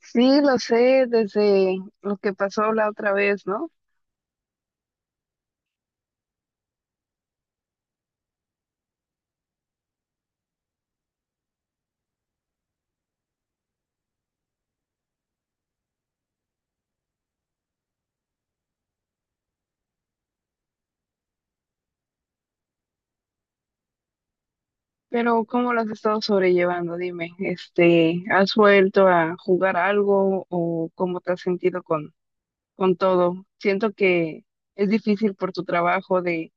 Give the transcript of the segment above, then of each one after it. Sí, lo sé desde lo que pasó la otra vez, ¿no? Pero ¿cómo lo has estado sobrellevando? Dime, ¿has vuelto a jugar algo o cómo te has sentido con todo? Siento que es difícil por tu trabajo de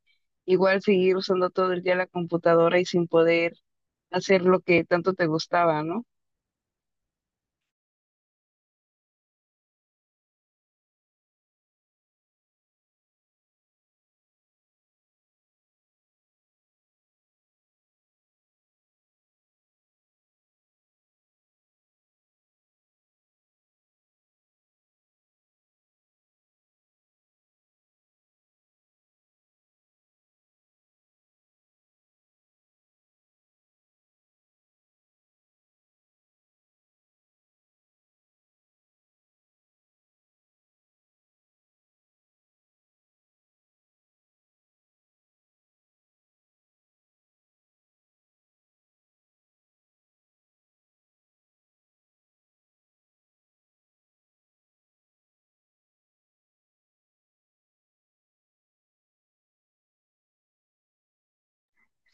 igual seguir usando todo el día la computadora y sin poder hacer lo que tanto te gustaba, ¿no?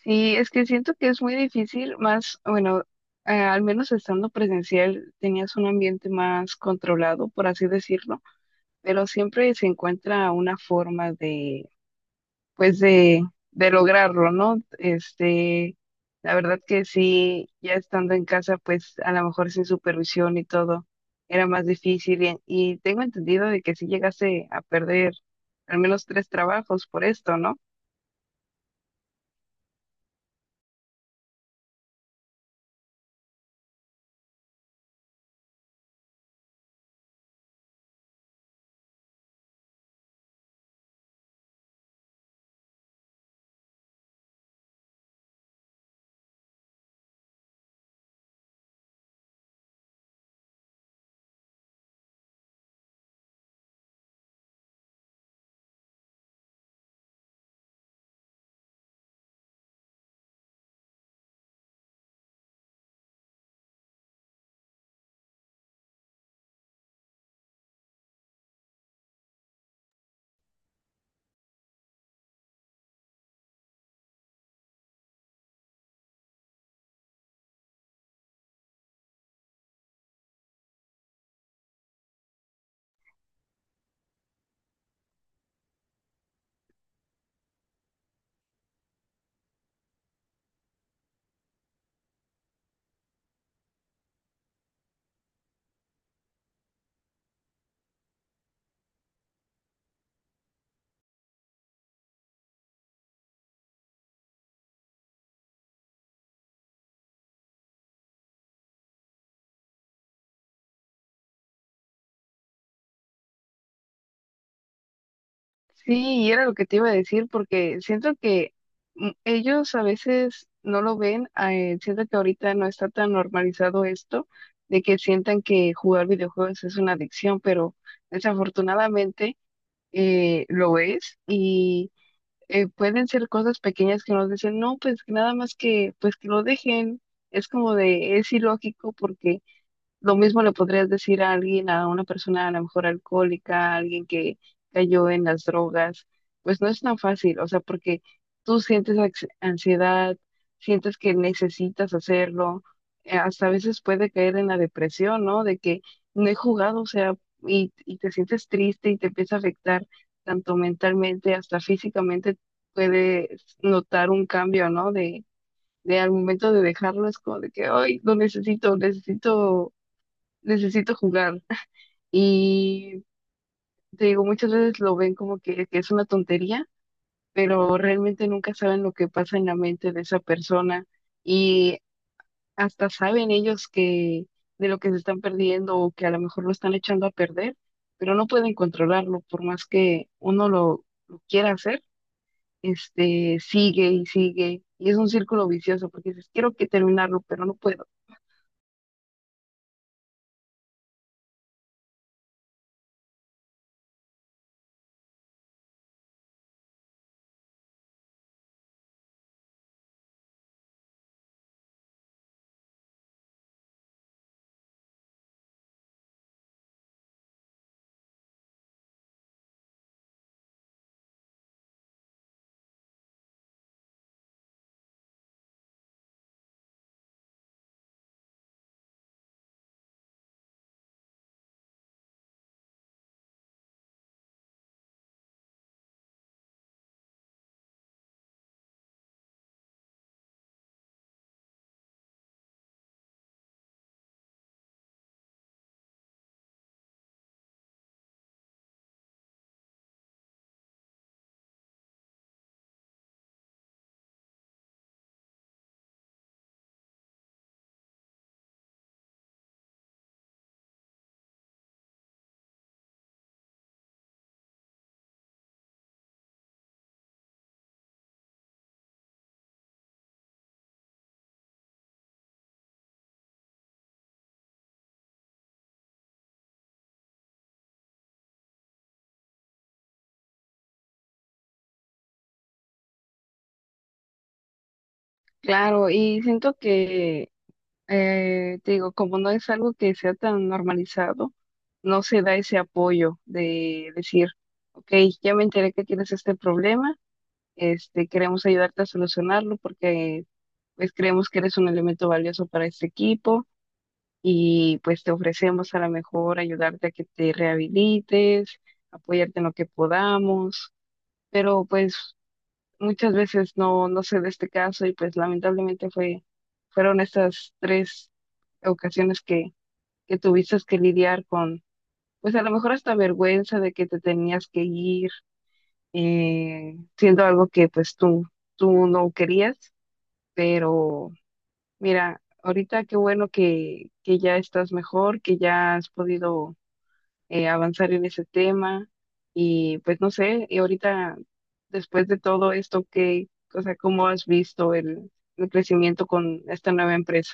Sí, es que siento que es muy difícil, más, bueno, al menos estando presencial tenías un ambiente más controlado, por así decirlo, pero siempre se encuentra una forma de de lograrlo, ¿no? La verdad que sí, ya estando en casa, pues a lo mejor sin supervisión y todo, era más difícil y tengo entendido de que sí llegaste a perder al menos tres trabajos por esto, ¿no? Sí, y era lo que te iba a decir, porque siento que ellos a veces no lo ven, siento que ahorita no está tan normalizado esto de que sientan que jugar videojuegos es una adicción, pero desafortunadamente, lo es, y pueden ser cosas pequeñas que nos dicen, no, pues que nada más que, pues que lo dejen. Es como de, es ilógico, porque lo mismo le podrías decir a alguien, a una persona a lo mejor alcohólica, a alguien que cayó en las drogas. Pues no es tan fácil, o sea, porque tú sientes ansiedad, sientes que necesitas hacerlo. Hasta a veces puede caer en la depresión, ¿no? De que no he jugado, o sea, y te sientes triste y te empieza a afectar tanto mentalmente, hasta físicamente puedes notar un cambio, ¿no? De al momento de dejarlo es como de que, ay, lo necesito, necesito jugar. Y te digo, muchas veces lo ven como que es una tontería, pero realmente nunca saben lo que pasa en la mente de esa persona, y hasta saben ellos que de lo que se están perdiendo o que a lo mejor lo están echando a perder, pero no pueden controlarlo por más que uno lo quiera hacer. Este sigue y sigue, y es un círculo vicioso, porque dices, quiero que terminarlo, pero no puedo. Claro, y siento que te digo, como no es algo que sea tan normalizado, no se da ese apoyo de decir, ok, ya me enteré que tienes este problema. Queremos ayudarte a solucionarlo, porque pues creemos que eres un elemento valioso para este equipo, y pues te ofrecemos a lo mejor ayudarte a que te rehabilites, apoyarte en lo que podamos. Pero pues muchas veces no se da este caso, y pues lamentablemente fueron estas tres ocasiones que tuviste que lidiar con, pues a lo mejor hasta vergüenza de que te tenías que ir. Siendo algo que tú no querías, pero mira, ahorita qué bueno que ya estás mejor, que ya has podido, avanzar en ese tema. Y pues no sé, y ahorita después de todo esto, ¿qué, o sea, cómo has visto el crecimiento con esta nueva empresa?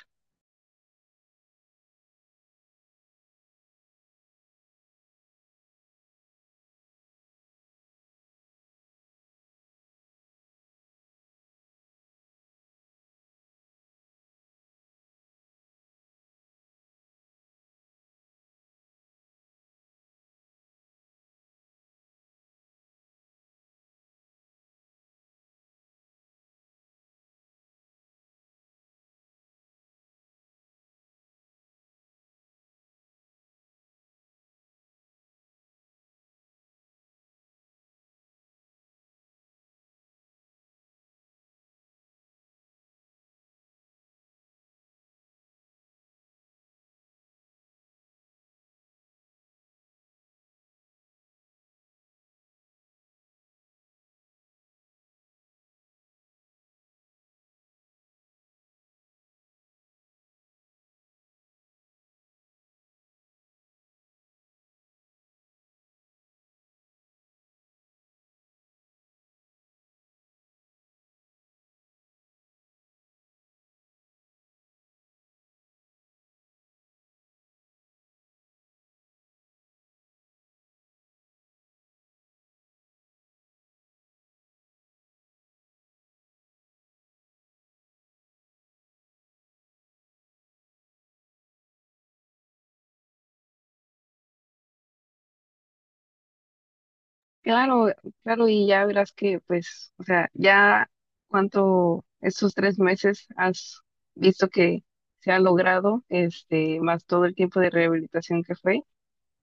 Claro, claro, y ya verás que, pues, o sea, ya cuánto estos 3 meses has visto que se ha logrado. Más todo el tiempo de rehabilitación que fue.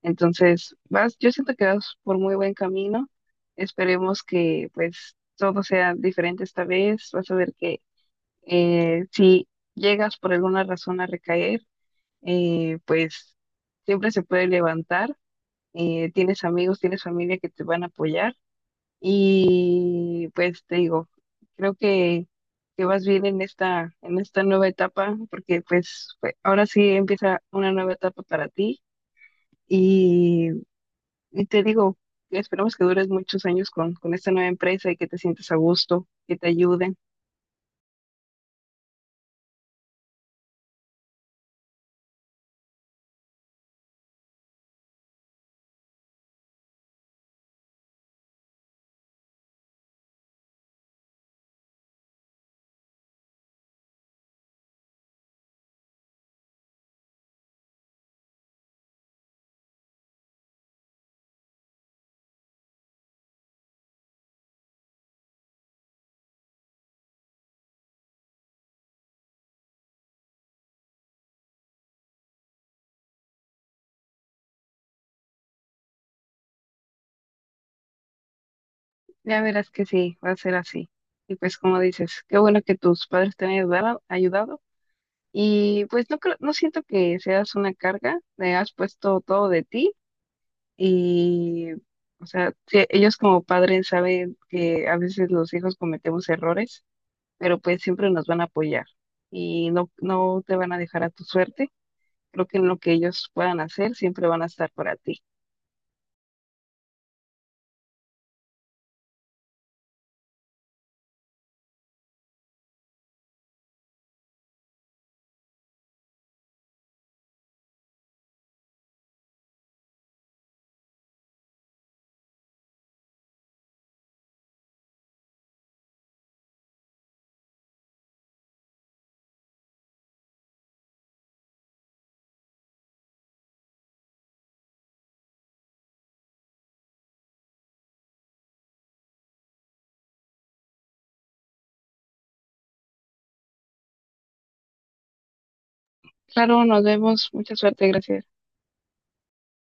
Entonces, vas, yo siento que vas por muy buen camino. Esperemos que, pues, todo sea diferente esta vez. Vas a ver que si llegas por alguna razón a recaer, pues, siempre se puede levantar. Tienes amigos, tienes familia que te van a apoyar. Y pues te digo, creo que vas bien en esta nueva etapa, porque ahora sí empieza una nueva etapa para ti. Y, y te digo, esperamos que dures muchos años con esta nueva empresa y que te sientas a gusto, que te ayuden. Ya verás que sí, va a ser así. Y pues como dices, qué bueno que tus padres te han ayudado. Y pues no creo, no siento que seas una carga, le has puesto todo de ti. Y, o sea, sí, ellos como padres saben que a veces los hijos cometemos errores, pero pues siempre nos van a apoyar, y no te van a dejar a tu suerte. Creo que en lo que ellos puedan hacer, siempre van a estar para ti. Claro, nos vemos. Mucha suerte. Gracias.